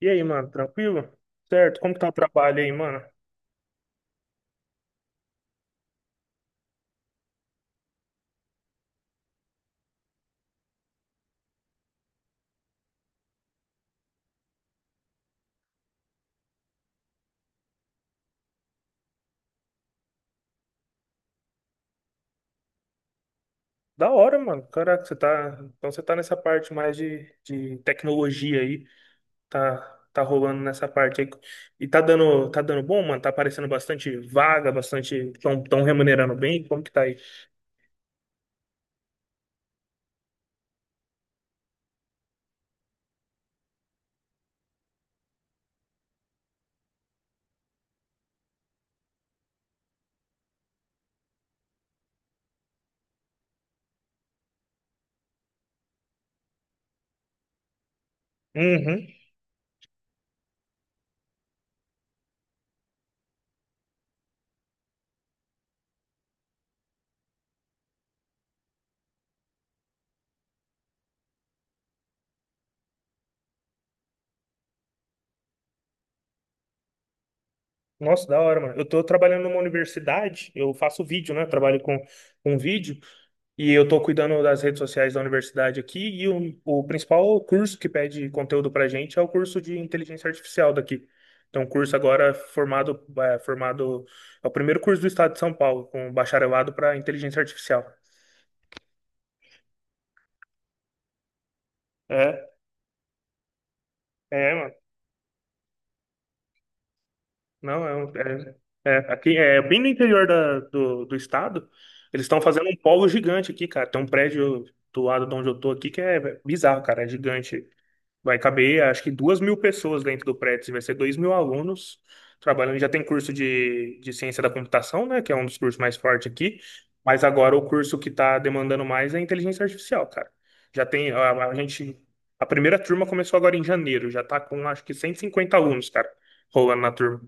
E aí, mano, tranquilo? Certo, como que tá o trabalho aí, mano? Da hora, mano. Caraca, você tá. Então você tá nessa parte mais de tecnologia aí. Tá, tá rolando nessa parte aí. E tá dando bom, mano? Tá aparecendo bastante vaga, bastante. Tão remunerando bem. Como que tá aí? Uhum. Nossa, da hora, mano. Eu tô trabalhando numa universidade, eu faço vídeo, né? Trabalho com vídeo. E eu estou cuidando das redes sociais da universidade aqui, e o principal curso que pede conteúdo para a gente é o curso de inteligência artificial daqui. Então, um curso agora é formado, é o primeiro curso do estado de São Paulo, com bacharelado para inteligência artificial. É, é, mano. Não, é, aqui, é bem no interior do estado, eles estão fazendo um polo gigante aqui, cara. Tem um prédio do lado de onde eu tô aqui que é bizarro, cara, é gigante. Vai caber, acho que 2 mil pessoas dentro do prédio, assim, vai ser 2 mil alunos trabalhando. Já tem curso de ciência da computação, né, que é um dos cursos mais fortes aqui, mas agora o curso que está demandando mais é inteligência artificial, cara. Já tem, a primeira turma começou agora em janeiro, já está com acho que 150 alunos, cara, rolando na turma.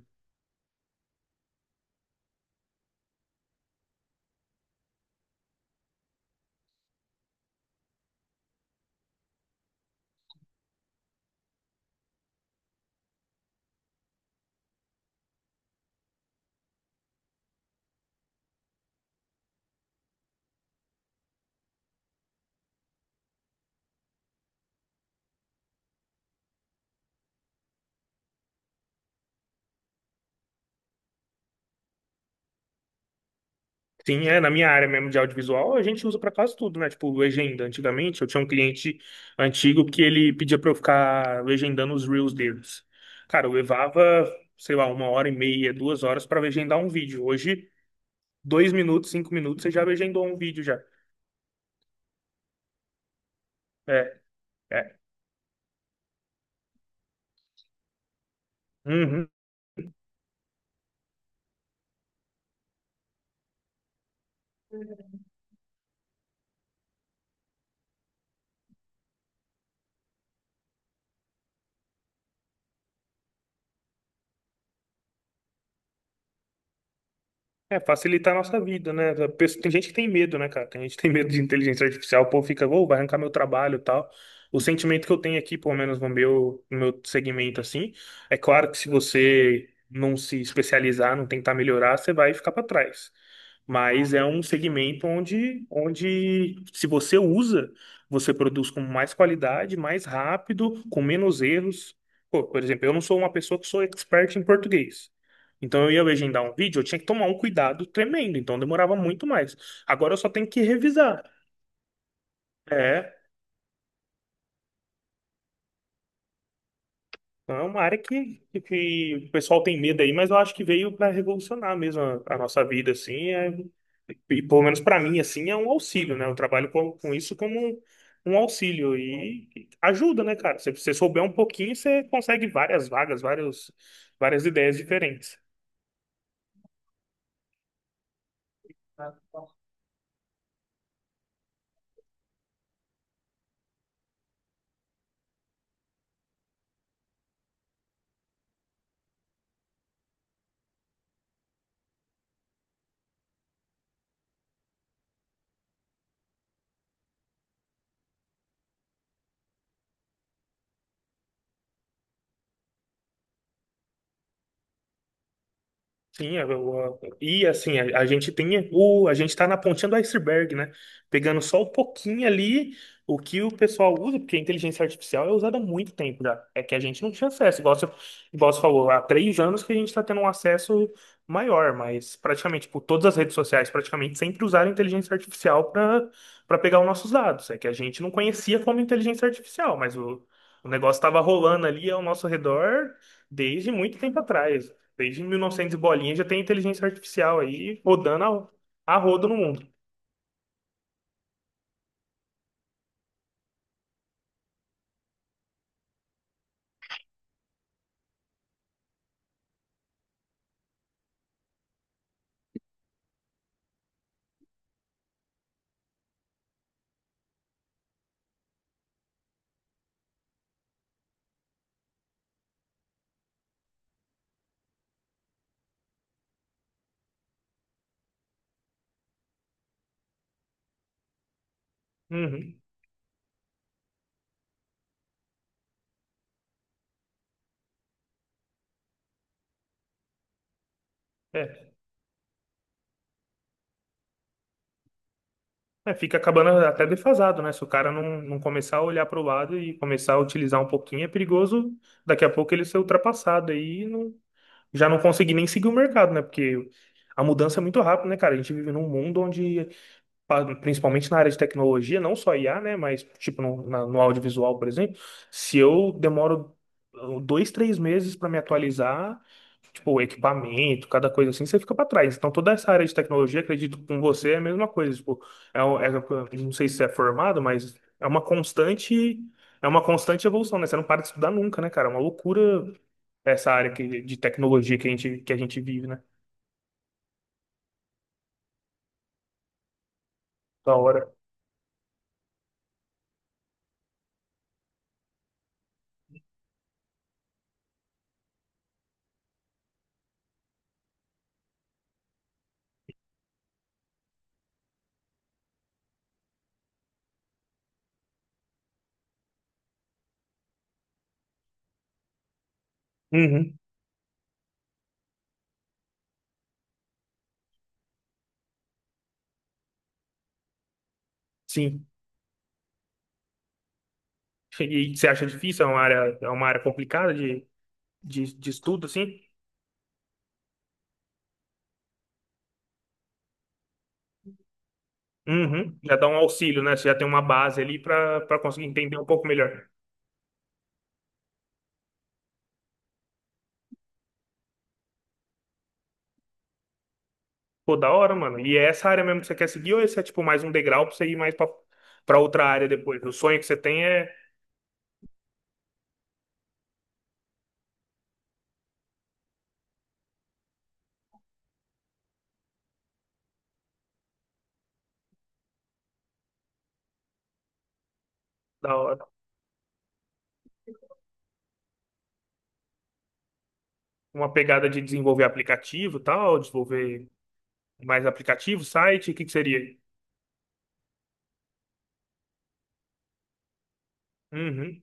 Sim, é, na minha área mesmo de audiovisual, a gente usa pra quase tudo, né? Tipo, legenda. Antigamente, eu tinha um cliente antigo que ele pedia pra eu ficar legendando os reels deles. Cara, eu levava, sei lá, uma hora e meia, 2 horas pra legendar um vídeo. Hoje, 2 minutos, 5 minutos, você já legendou um vídeo já. É, é. Uhum. É, facilitar a nossa vida, né? Tem gente que tem medo, né, cara? Tem gente que tem medo de inteligência artificial, o povo fica, "Ô, vai arrancar meu trabalho e tal. O sentimento que eu tenho aqui, pelo menos no meu, no meu segmento, assim, é claro que se você não se especializar, não tentar melhorar, você vai ficar para trás. Mas é um segmento onde, onde se você usa, você produz com mais qualidade, mais rápido, com menos erros. Pô, por exemplo, eu não sou uma pessoa que sou expert em português. Então eu ia legendar um vídeo, eu tinha que tomar um cuidado tremendo, então demorava muito mais. Agora eu só tenho que revisar. É, então, é uma área que, que o pessoal tem medo aí, mas eu acho que veio para revolucionar mesmo a nossa vida, assim. E pelo menos para mim, assim, é um auxílio, né? Eu trabalho com isso como um auxílio e ajuda, né, cara? Se você souber um pouquinho, você consegue várias vagas, vários, várias ideias diferentes. Sim, e assim, a gente tá na pontinha do iceberg, né? Pegando só um pouquinho ali o que o pessoal usa, porque a inteligência artificial é usada há muito tempo já. É que a gente não tinha acesso, igual você falou, há 3 anos que a gente está tendo um acesso maior, mas praticamente, tipo, todas as redes sociais praticamente sempre usaram inteligência artificial para pegar os nossos dados. É que a gente não conhecia como inteligência artificial, mas o negócio estava rolando ali ao nosso redor desde muito tempo atrás. Desde mil e novecentos e bolinha já tem inteligência artificial aí rodando a rodo no mundo. Uhum. É. É, fica acabando até defasado, né? Se o cara não começar a olhar para o lado e começar a utilizar um pouquinho, é perigoso daqui a pouco ele ser ultrapassado aí e não, já não conseguir nem seguir o mercado, né? Porque a mudança é muito rápida, né, cara? A gente vive num mundo onde, principalmente na área de tecnologia, não só IA, né? Mas, tipo, no audiovisual, por exemplo, se eu demoro dois, três meses para me atualizar. O equipamento, cada coisa assim, você fica para trás. Então, toda essa área de tecnologia, acredito que com você é a mesma coisa. Tipo, é, um- é- não sei se você é formado, mas é uma constante evolução, né? Você não para de estudar nunca, né, cara? É uma loucura essa área de tecnologia que a gente vive, né? Da hora. Uhum, sim. E você acha difícil? É uma área complicada de estudo, assim? Uhum. Já dá um auxílio, né? Você já tem uma base ali para conseguir entender um pouco melhor. Pô, da hora, mano. E é essa área mesmo que você quer seguir ou esse é tipo mais um degrau pra você ir mais pra, pra outra área depois? O sonho que você tem é da hora. Uma pegada de desenvolver aplicativo e tal, desenvolver mais aplicativo, site, o que que seria, aí? Uhum.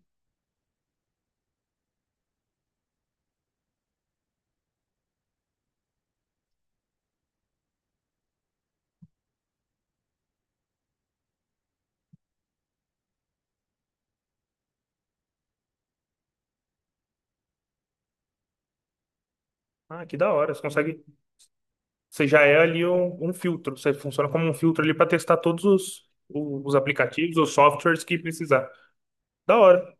Ah, que da hora. Você consegue. Você já é ali um, um filtro. Você funciona como um filtro ali pra testar todos os aplicativos, os softwares que precisar. Da hora.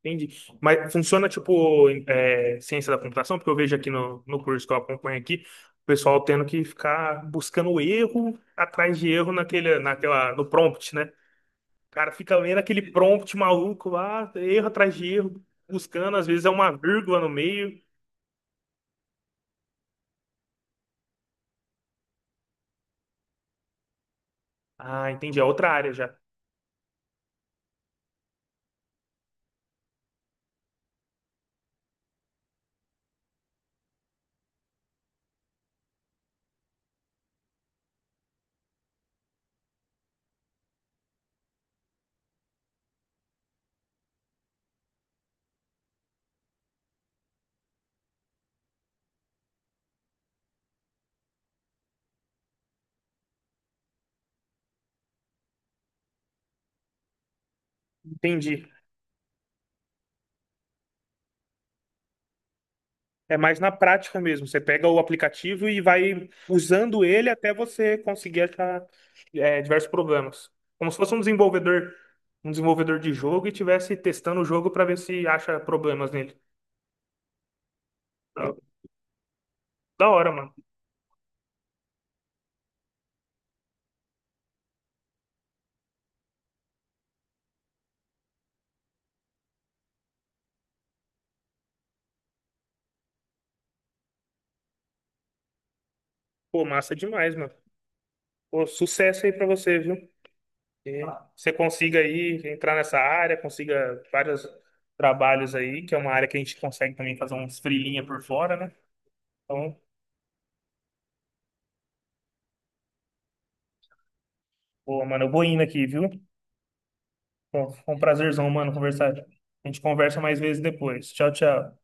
Entendi. Mas funciona tipo é, ciência da computação, porque eu vejo aqui no curso que eu acompanho aqui, o pessoal tendo que ficar buscando erro atrás de erro naquele, naquela, no prompt, né? O cara fica lendo aquele prompt maluco lá, erro atrás de erro, buscando, às vezes é uma vírgula no meio. Ah, entendi, é outra área já. Entendi. É mais na prática mesmo. Você pega o aplicativo e vai usando ele até você conseguir achar é, diversos problemas. Como se fosse um desenvolvedor de jogo e estivesse testando o jogo para ver se acha problemas nele. Ah, da hora, mano. Pô, massa demais, mano. Pô, sucesso aí para você, viu? Que você consiga aí entrar nessa área, consiga vários trabalhos aí, que é uma área que a gente consegue também fazer uns freelinha por fora, né? Então, pô, mano, eu vou indo aqui, viu? Pô, foi um prazerzão, mano, conversar. A gente conversa mais vezes depois. Tchau, tchau.